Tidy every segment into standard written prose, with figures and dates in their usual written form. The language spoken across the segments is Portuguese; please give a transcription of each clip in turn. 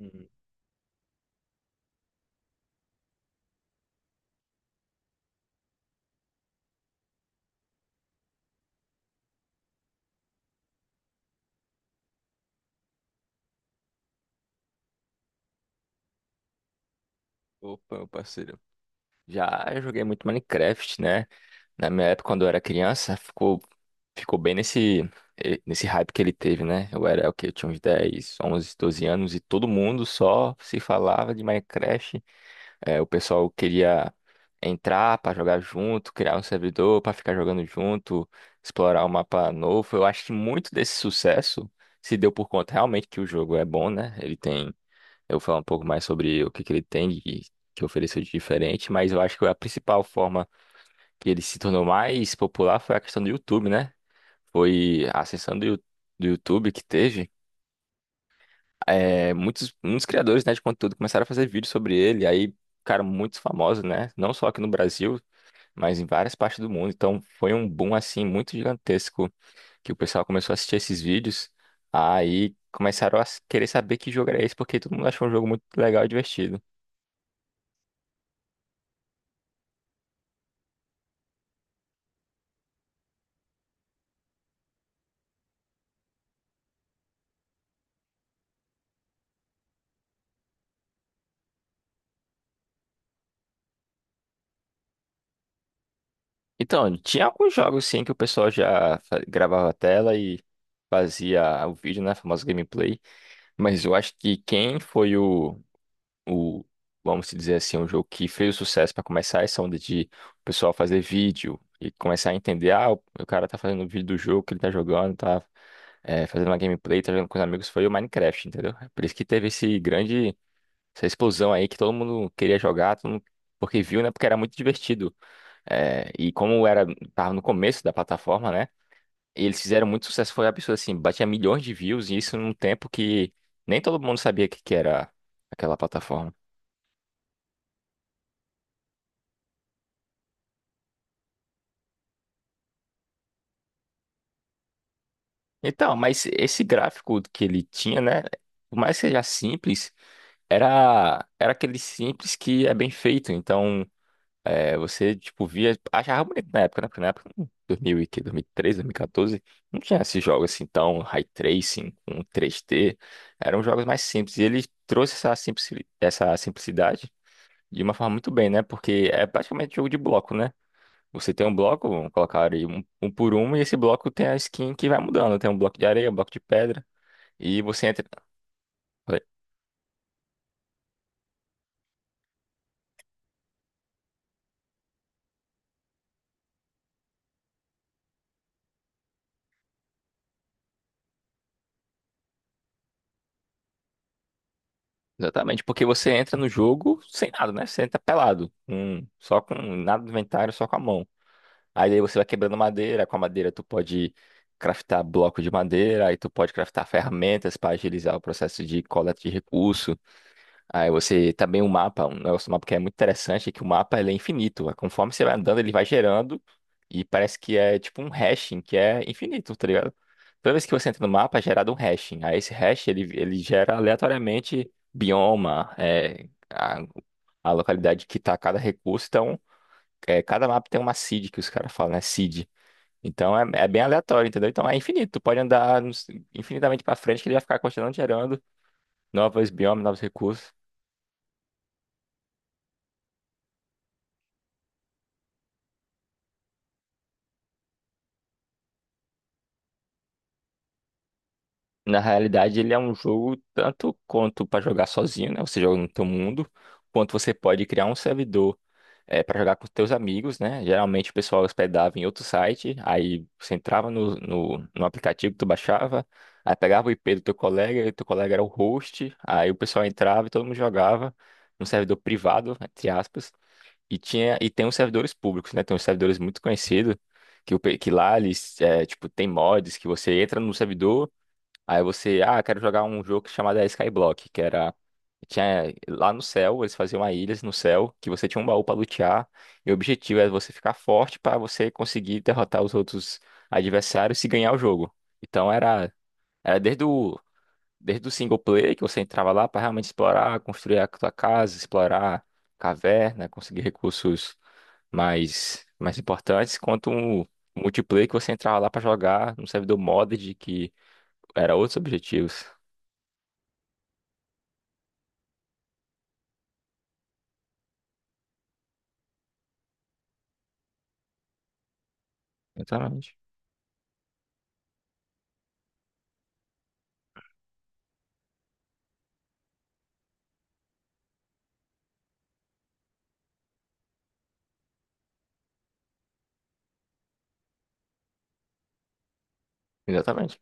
Hum. Opa, meu parceiro. Já eu joguei muito Minecraft, né? Na minha época, quando eu era criança, ficou, ficou bem nesse, nesse hype que ele teve, né? Eu era o quê? Eu tinha uns 10 11, 12 anos e todo mundo só se falava de Minecraft. O pessoal queria entrar pra jogar junto, criar um servidor pra ficar jogando junto, explorar o mapa novo. Eu acho que muito desse sucesso se deu por conta realmente que o jogo é bom, né? Ele tem. Eu vou falar um pouco mais sobre o que que ele tem e que ofereceu de diferente, mas eu acho que a principal forma que ele se tornou mais popular foi a questão do YouTube, né? Foi a ascensão do, do YouTube que teve. É, muitos criadores, né, de conteúdo começaram a fazer vídeos sobre ele, aí ficaram muito famosos, né? Não só aqui no Brasil, mas em várias partes do mundo. Então foi um boom, assim, muito gigantesco que o pessoal começou a assistir esses vídeos. Aí começaram a querer saber que jogo era esse, porque todo mundo achou um jogo muito legal e divertido. Então, tinha alguns jogos sim que o pessoal já gravava a tela e fazia o vídeo, né? A famosa gameplay. Mas eu acho que quem foi o, vamos dizer assim, um jogo que fez o sucesso para começar essa onda de o pessoal fazer vídeo e começar a entender, ah, o cara tá fazendo um vídeo do jogo que ele tá jogando, tá fazendo uma gameplay, tá jogando com os amigos, foi o Minecraft, entendeu? É. Por isso que teve esse grande, essa explosão aí que todo mundo queria jogar, todo mundo, porque viu, né? Porque era muito divertido. É, e como era, tava no começo da plataforma, né? Eles fizeram muito sucesso, foi um absurdo, assim, batia milhões de views, e isso num tempo que nem todo mundo sabia o que que era aquela plataforma. Então, mas esse gráfico que ele tinha, né? Por mais que seja simples, era aquele simples que é bem feito. Então, é, você, tipo, via, achava bonito na época, né? Porque na época, 2000 e quê? 2013, 2014, não tinha esses jogos assim tão high tracing, com 3D. Eram jogos mais simples. E ele trouxe essa essa simplicidade de uma forma muito bem, né? Porque é praticamente jogo de bloco, né? Você tem um bloco, vamos colocar aí um por um, e esse bloco tem a skin que vai mudando. Tem um bloco de areia, um bloco de pedra. E você entra. Oi. Exatamente, porque você entra no jogo sem nada, né? Você entra pelado, só com nada do inventário, só com a mão. Aí daí você vai quebrando madeira, com a madeira tu pode craftar bloco de madeira, aí tu pode craftar ferramentas para agilizar o processo de coleta de recurso. Aí você também o mapa, um negócio do mapa que é muito interessante é que o mapa ele é infinito. Conforme você vai andando, ele vai gerando e parece que é tipo um hashing que é infinito, tá ligado? Toda vez que você entra no mapa é gerado um hashing. Aí esse hash ele gera aleatoriamente bioma, a localidade que tá cada recurso, então é, cada mapa tem uma seed que os caras falam, né? Seed. Então é bem aleatório, entendeu? Então é infinito. Tu pode infinitamente pra frente que ele vai ficar continuando gerando novos biomas, novos recursos. Na realidade, ele é um jogo tanto quanto pra jogar sozinho, né? Você joga no teu mundo, quanto você pode criar um servidor é, para jogar com os teus amigos, né? Geralmente o pessoal hospedava em outro site, aí você entrava no aplicativo que tu baixava, aí pegava o IP do teu colega, e teu colega era o host, aí o pessoal entrava e todo mundo jogava num servidor privado, entre aspas. E tinha e tem uns servidores públicos, né? Tem uns servidores muito conhecidos que, que lá eles é, tipo tem mods que você entra no servidor, aí você, ah, quero jogar um jogo chamado Skyblock, que era tinha lá no céu, eles faziam uma ilhas no céu que você tinha um baú para lutear, e o objetivo é você ficar forte para você conseguir derrotar os outros adversários e ganhar o jogo. Então era era desde o desde o single player que você entrava lá para realmente explorar, construir a sua casa, explorar caverna, conseguir recursos mais, mais importantes, quanto um multiplayer que você entrava lá pra jogar num servidor modded que era outros objetivos. Exatamente. Exatamente.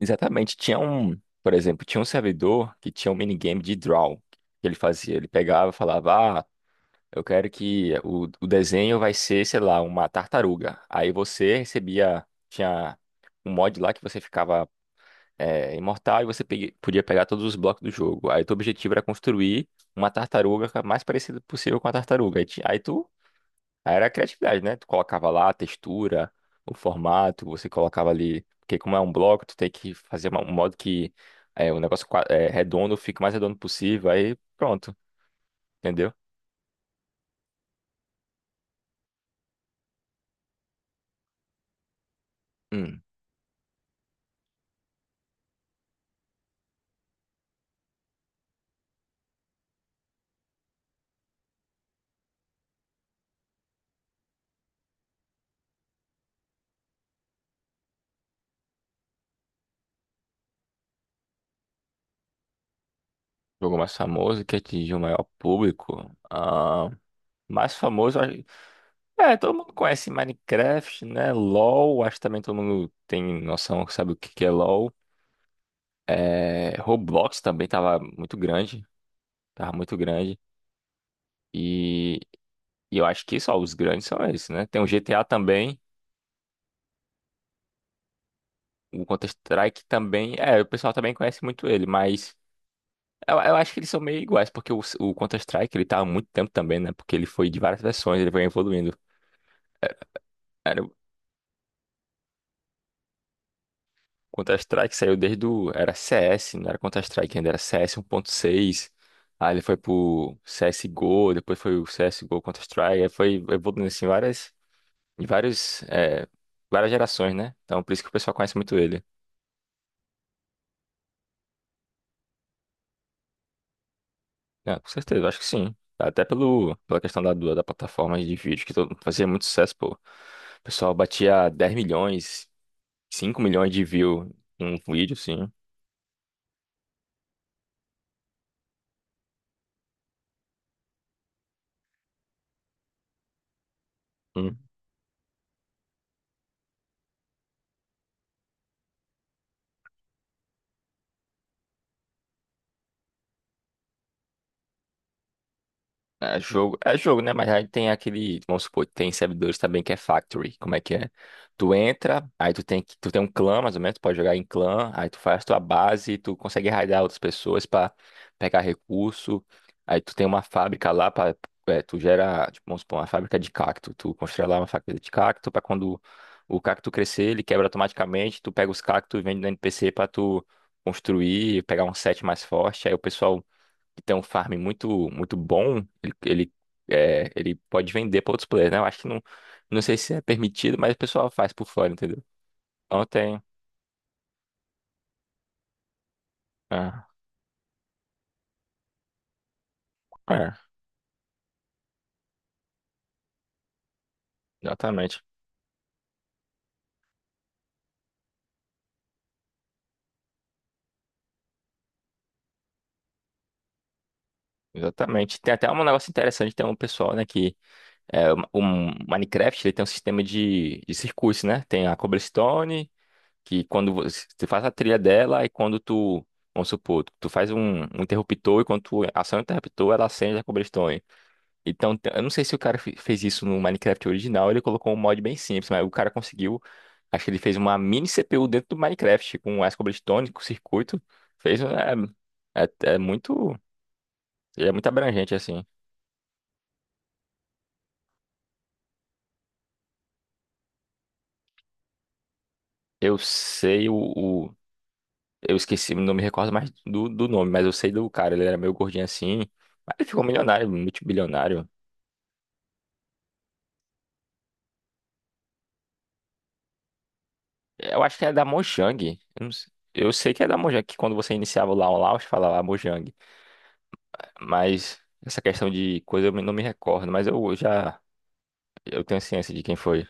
Exatamente. Tinha um, por exemplo, tinha um servidor que tinha um minigame de draw que ele fazia. Ele pegava e falava, ah, eu quero que o desenho vai ser, sei lá, uma tartaruga. Aí você recebia, tinha um mod lá que você ficava é, imortal e você podia pegar todos os blocos do jogo. Aí teu objetivo era construir uma mais parecida possível com a tartaruga. Aí, ti- aí tu. Aí era a criatividade, né? Tu colocava lá a textura, o formato, você colocava ali. Porque como é um bloco, tu tem que fazer um modo que é, o é, redondo fique o mais redondo possível. Aí pronto, entendeu? Hum. Jogo mais famoso que atingiu o maior público. Ah, mais famoso. É, todo mundo conhece Minecraft, né? LoL, acho que também todo mundo tem noção, sabe o que que é LoL. É, Roblox também tava muito grande, tava muito grande. E, e eu acho que só os grandes são esses, né? Tem o GTA também, o Counter-Strike também. É, o pessoal também conhece muito ele, mas eu acho que eles são meio iguais, porque o Counter-Strike ele tá há muito tempo também, né? Porque ele foi de várias versões, ele foi evoluindo. Counter-Strike saiu desde o. Era CS, não era Counter-Strike ainda, era CS 1.6. Aí ele foi pro CSGO, depois foi o CSGO Counter-Strike, aí foi evoluindo assim várias, em vários, é, várias gerações, né? Então por isso que o pessoal conhece muito ele. Ah, com certeza, acho que sim. Até pelo, pela questão da, da plataforma de vídeo, que fazia muito sucesso, pô. O pessoal batia 10 milhões, 5 milhões de view em um vídeo, assim. É jogo, né? Mas aí tem aquele, vamos supor, tem servidores também que é factory. Como é que é? Tu entra, aí tu tem que, tu tem um clã, mais ou menos, tu pode jogar em clã, aí tu faz tua base, tu consegue raidar outras pessoas pra pegar recurso. Aí tu tem uma fábrica lá para, tu gera, tipo, vamos supor, uma fábrica de cacto. Tu constrói lá uma fábrica de cacto pra quando o cacto crescer, ele quebra automaticamente, tu pega os cactos e vende no NPC pra tu construir, pegar um set mais forte. Aí o pessoal que tem um farm muito bom, é, ele pode vender para outros players, né? Eu acho que não, não sei se é permitido, mas o pessoal faz por fora, entendeu? Então tem. Ah, é, exatamente. Exatamente. Tem até um negócio interessante, tem um pessoal, né, que é, o Minecraft, ele tem um sistema de circuitos, né? Tem a cobblestone, que quando você faz a trilha dela e quando tu, vamos supor, tu faz um interruptor e quando tu aciona o interruptor, ela acende a cobblestone. Então, eu não sei se o cara fez isso no Minecraft original, ele colocou um mod bem simples, mas o cara conseguiu. Acho que ele fez uma mini CPU dentro do Minecraft, com as cobblestone, com circuito. Fez. um- É, é muito. Ele é muito abrangente, assim. Eu sei o. o- eu esqueci, não me recordo mais do, do nome, mas eu sei do cara. Ele era meio gordinho assim. Mas ele ficou milionário, multibilionário. Eu acho que é da Mojang. Eu, não sei- Eu sei que é da Mojang, que quando você iniciava lá o Launch, falava Mojang. Mas essa questão de coisa eu não me recordo, mas eu tenho ciência de quem foi.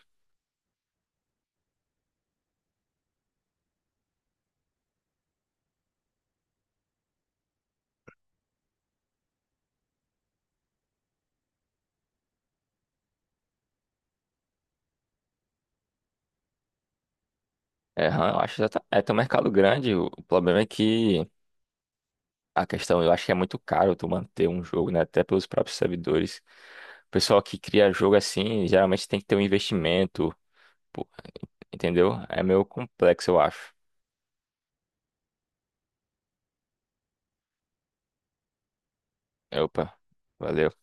É, eu acho que já tá, é, tem um mercado grande. O problema é que a questão, eu acho que é muito caro tu manter um jogo, né? Até pelos próprios servidores. O pessoal que cria jogo assim, geralmente tem que ter um investimento, pô, entendeu? É meio complexo, eu acho. Opa, valeu.